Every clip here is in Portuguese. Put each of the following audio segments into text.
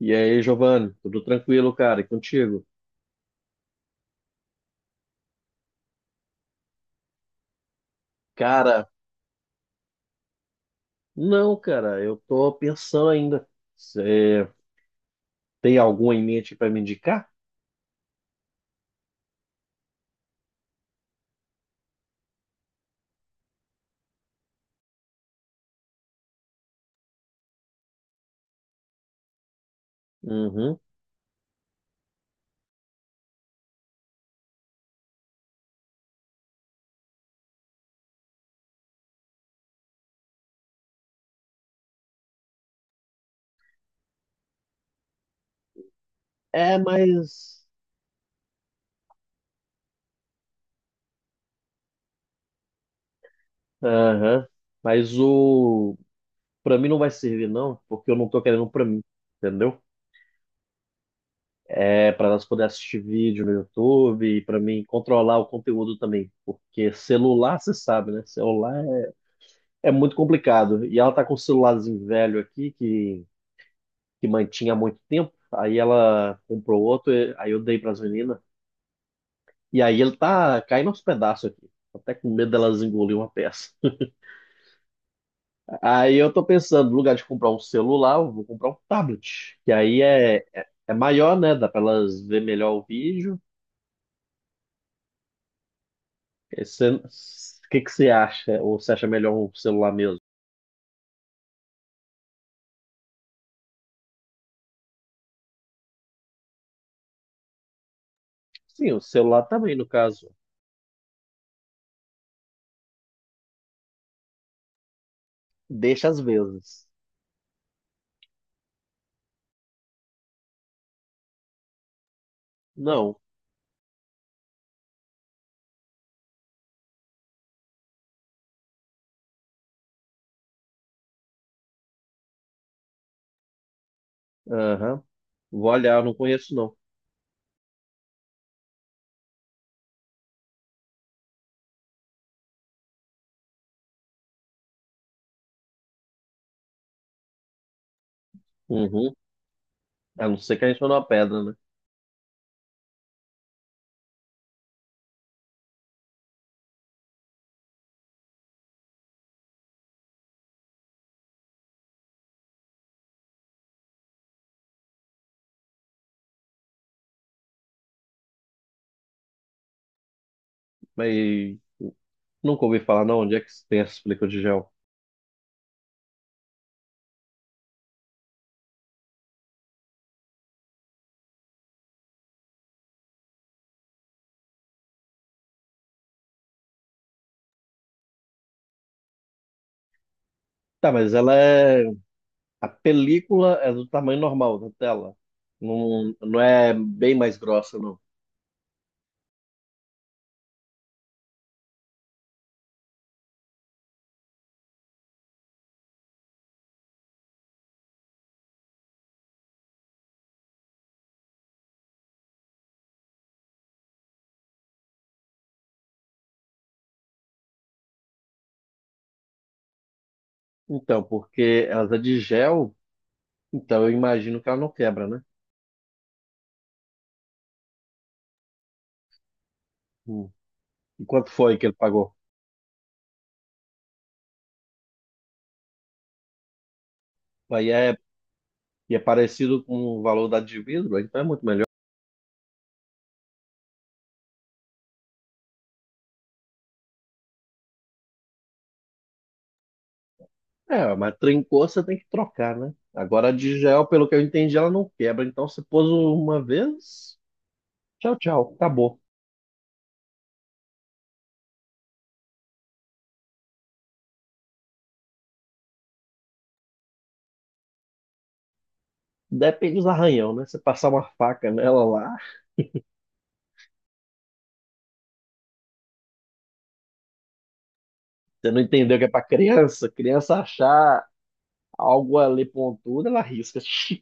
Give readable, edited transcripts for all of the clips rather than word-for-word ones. E aí, Giovanni, tudo tranquilo, cara? E contigo? Cara, não, cara, eu tô pensando ainda. Você tem algum em mente para me indicar? Uhum. É, mas. Aham. Mas o. Pra mim não vai servir, não, porque eu não tô querendo um pra mim, entendeu? É pra nós poder assistir vídeo no YouTube e pra mim controlar o conteúdo também. Porque celular, você sabe, né? Celular é muito complicado. E ela tá com um celularzinho velho aqui que mantinha há muito tempo. Aí ela comprou outro, aí eu dei para as meninas. E aí ele tá caindo aos pedaços aqui. Tô até com medo delas engolir uma peça. Aí eu tô pensando, no lugar de comprar um celular, eu vou comprar um tablet. Que aí é maior, né? Dá para elas ver melhor o vídeo. O que que você acha? Ou você acha melhor um celular mesmo? Sim, o celular também, no caso. Deixa às vezes. Não. Aham. Vou olhar, eu não conheço, não. Uhum. A não ser que a gente for numa pedra, né? Mas nunca ouvi falar, não. Onde é que tem essas películas de gel? Tá, mas ela é. A película é do tamanho normal da tela. Não, não é bem mais grossa, não. Então, porque ela é de gel, então eu imagino que ela não quebra, né? Hum. E quanto foi que ele pagou? Aí é, e é parecido com o valor da de vidro, então é muito melhor. É, mas trincou, você tem que trocar, né? Agora a de gel, pelo que eu entendi, ela não quebra. Então você pôs uma vez, tchau, tchau, acabou. Depende dos arranhão, né? Você passar uma faca nela lá, você não entendeu que é pra criança, criança achar algo ali pontudo, ela risca.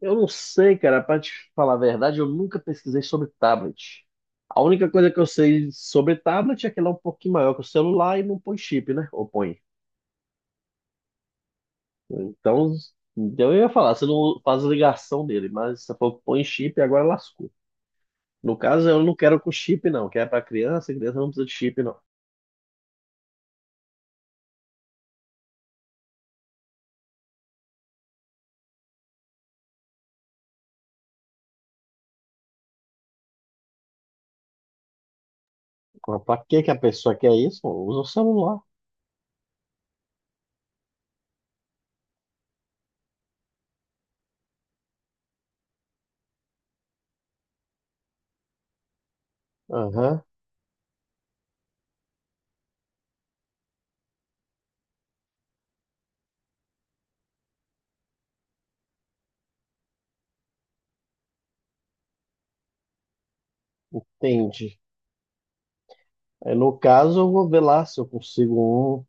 Eu não sei, cara, pra te falar a verdade, eu nunca pesquisei sobre tablet. A única coisa que eu sei sobre tablet é que ele é um pouquinho maior que o celular e não põe chip, né? Ou põe. Então, então, eu ia falar, você não faz ligação dele, mas você falou que põe chip e agora lascou. No caso, eu não quero com chip, não, que é pra criança, criança não precisa de chip, não. Pra que que a pessoa quer isso? Usa o celular. Aham, entendi. Aí, no caso, eu vou ver lá se eu consigo um.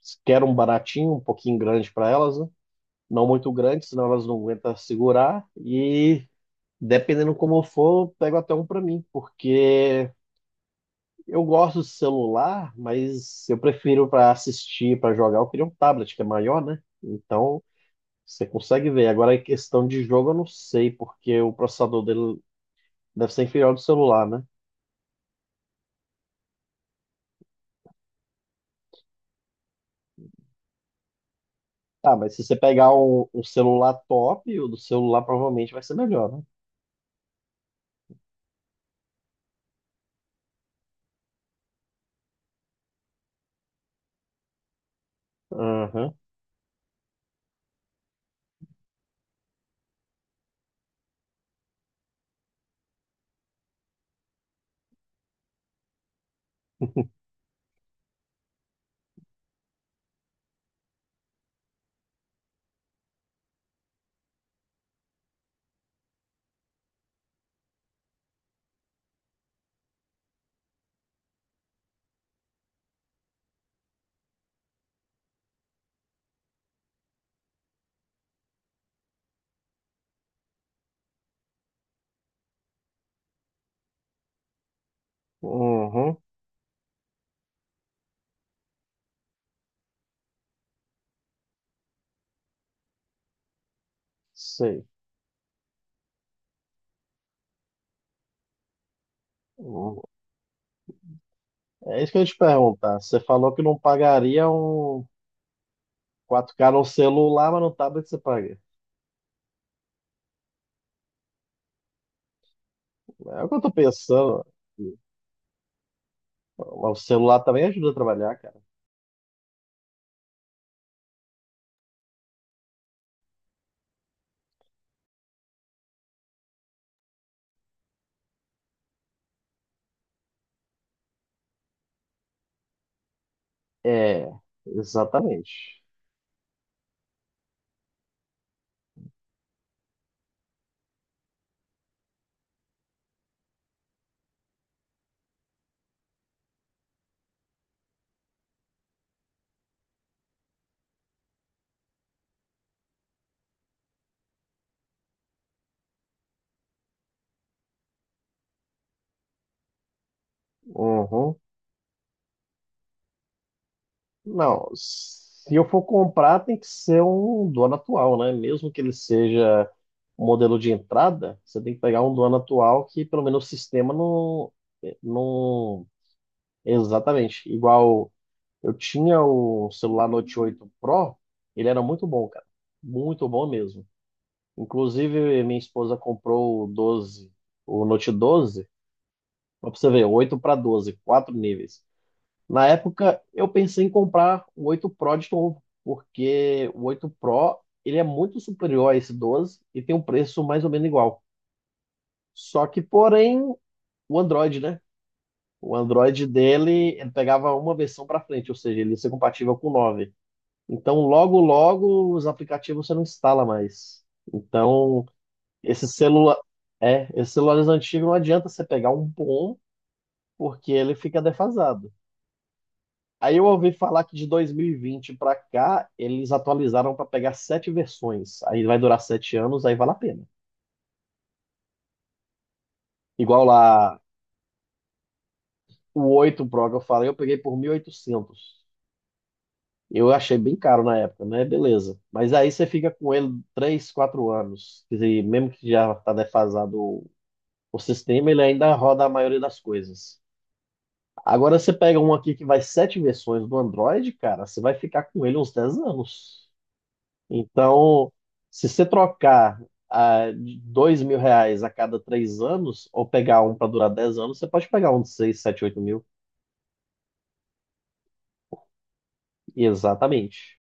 Se Quero um baratinho, um pouquinho grande para elas, né? Não muito grande, senão elas não aguentam segurar. E dependendo como for, eu pego até um para mim, porque eu gosto de celular, mas eu prefiro para assistir, para jogar. Eu queria um tablet que é maior, né? Então você consegue ver. Agora, em questão de jogo, eu não sei, porque o processador dele deve ser inferior ao do celular, né? Ah, mas se você pegar um celular top, o do celular provavelmente vai ser melhor, né? Aham, uhum, sei. Uhum. É isso que eu ia te perguntar. Você falou que não pagaria um 4K no celular, mas no tablet você paga. É o que eu tô pensando. O celular também ajuda a trabalhar, cara. É, exatamente. Uhum. Não, se eu for comprar, tem que ser um dono atual, né? Mesmo que ele seja modelo de entrada, você tem que pegar um do ano atual que pelo menos o sistema não, não exatamente igual eu tinha o celular Note 8 Pro, ele era muito bom, cara, muito bom mesmo. Inclusive minha esposa comprou o Note 12, mas pra você ver, 8 para 12 quatro níveis. Na época eu pensei em comprar o 8 Pro de novo, porque o 8 Pro ele é muito superior a esse 12 e tem um preço mais ou menos igual. Só que, porém, o Android, né? O Android dele, ele pegava uma versão para frente, ou seja, ele ia ser compatível com o 9. Então, logo, logo, os aplicativos você não instala mais. Então, esse celular, é, esses celulares antigos não adianta você pegar um bom, porque ele fica defasado. Aí eu ouvi falar que de 2020 para cá, eles atualizaram para pegar sete versões. Aí vai durar 7 anos, aí vale a pena. Igual lá, o 8 Pro que eu falei, eu peguei por 1.800. Eu achei bem caro na época, né? Beleza. Mas aí você fica com ele 3, 4 anos. Quer dizer, mesmo que já está defasado o sistema, ele ainda roda a maioria das coisas. Agora você pega um aqui que vai sete versões do Android, cara, você vai ficar com ele uns 10 anos. Então, se você trocar de R$ 2.000 a cada 3 anos, ou pegar um para durar 10 anos, você pode pegar um de 6, 7, 8 mil. Exatamente.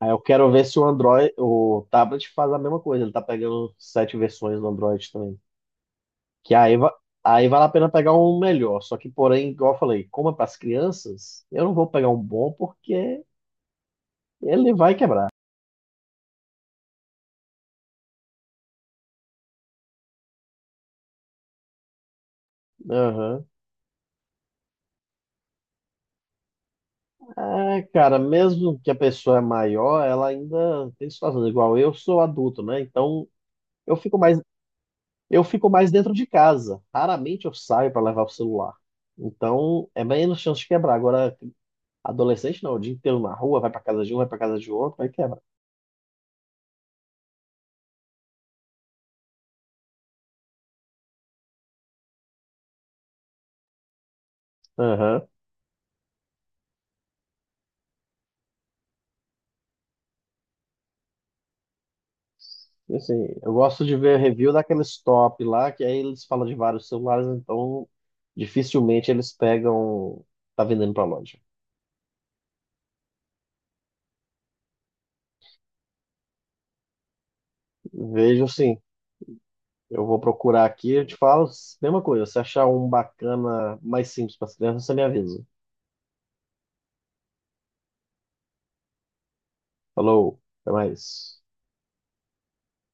Aí eu quero ver se o Android, o tablet faz a mesma coisa. Ele tá pegando sete versões do Android também. Que aí, aí vale a pena pegar um melhor. Só que, porém, igual eu falei, como é para as crianças, eu não vou pegar um bom porque ele vai quebrar. Aham. É, cara, mesmo que a pessoa é maior, ela ainda tem situações igual eu sou adulto, né? Então eu fico mais eu fico mais dentro de casa. Raramente eu saio para levar o celular. Então é menos chance de quebrar. Agora, adolescente não, o dia inteiro na rua, vai pra casa de um, vai pra casa de outro, vai quebra. Aham. E assim, eu gosto de ver review daqueles top lá, que aí eles falam de vários celulares, então dificilmente eles pegam, tá vendendo pra loja. Vejo sim, eu vou procurar aqui, eu te falo, mesma coisa, se achar um bacana mais simples para as crianças, você me avisa. Falou, até mais.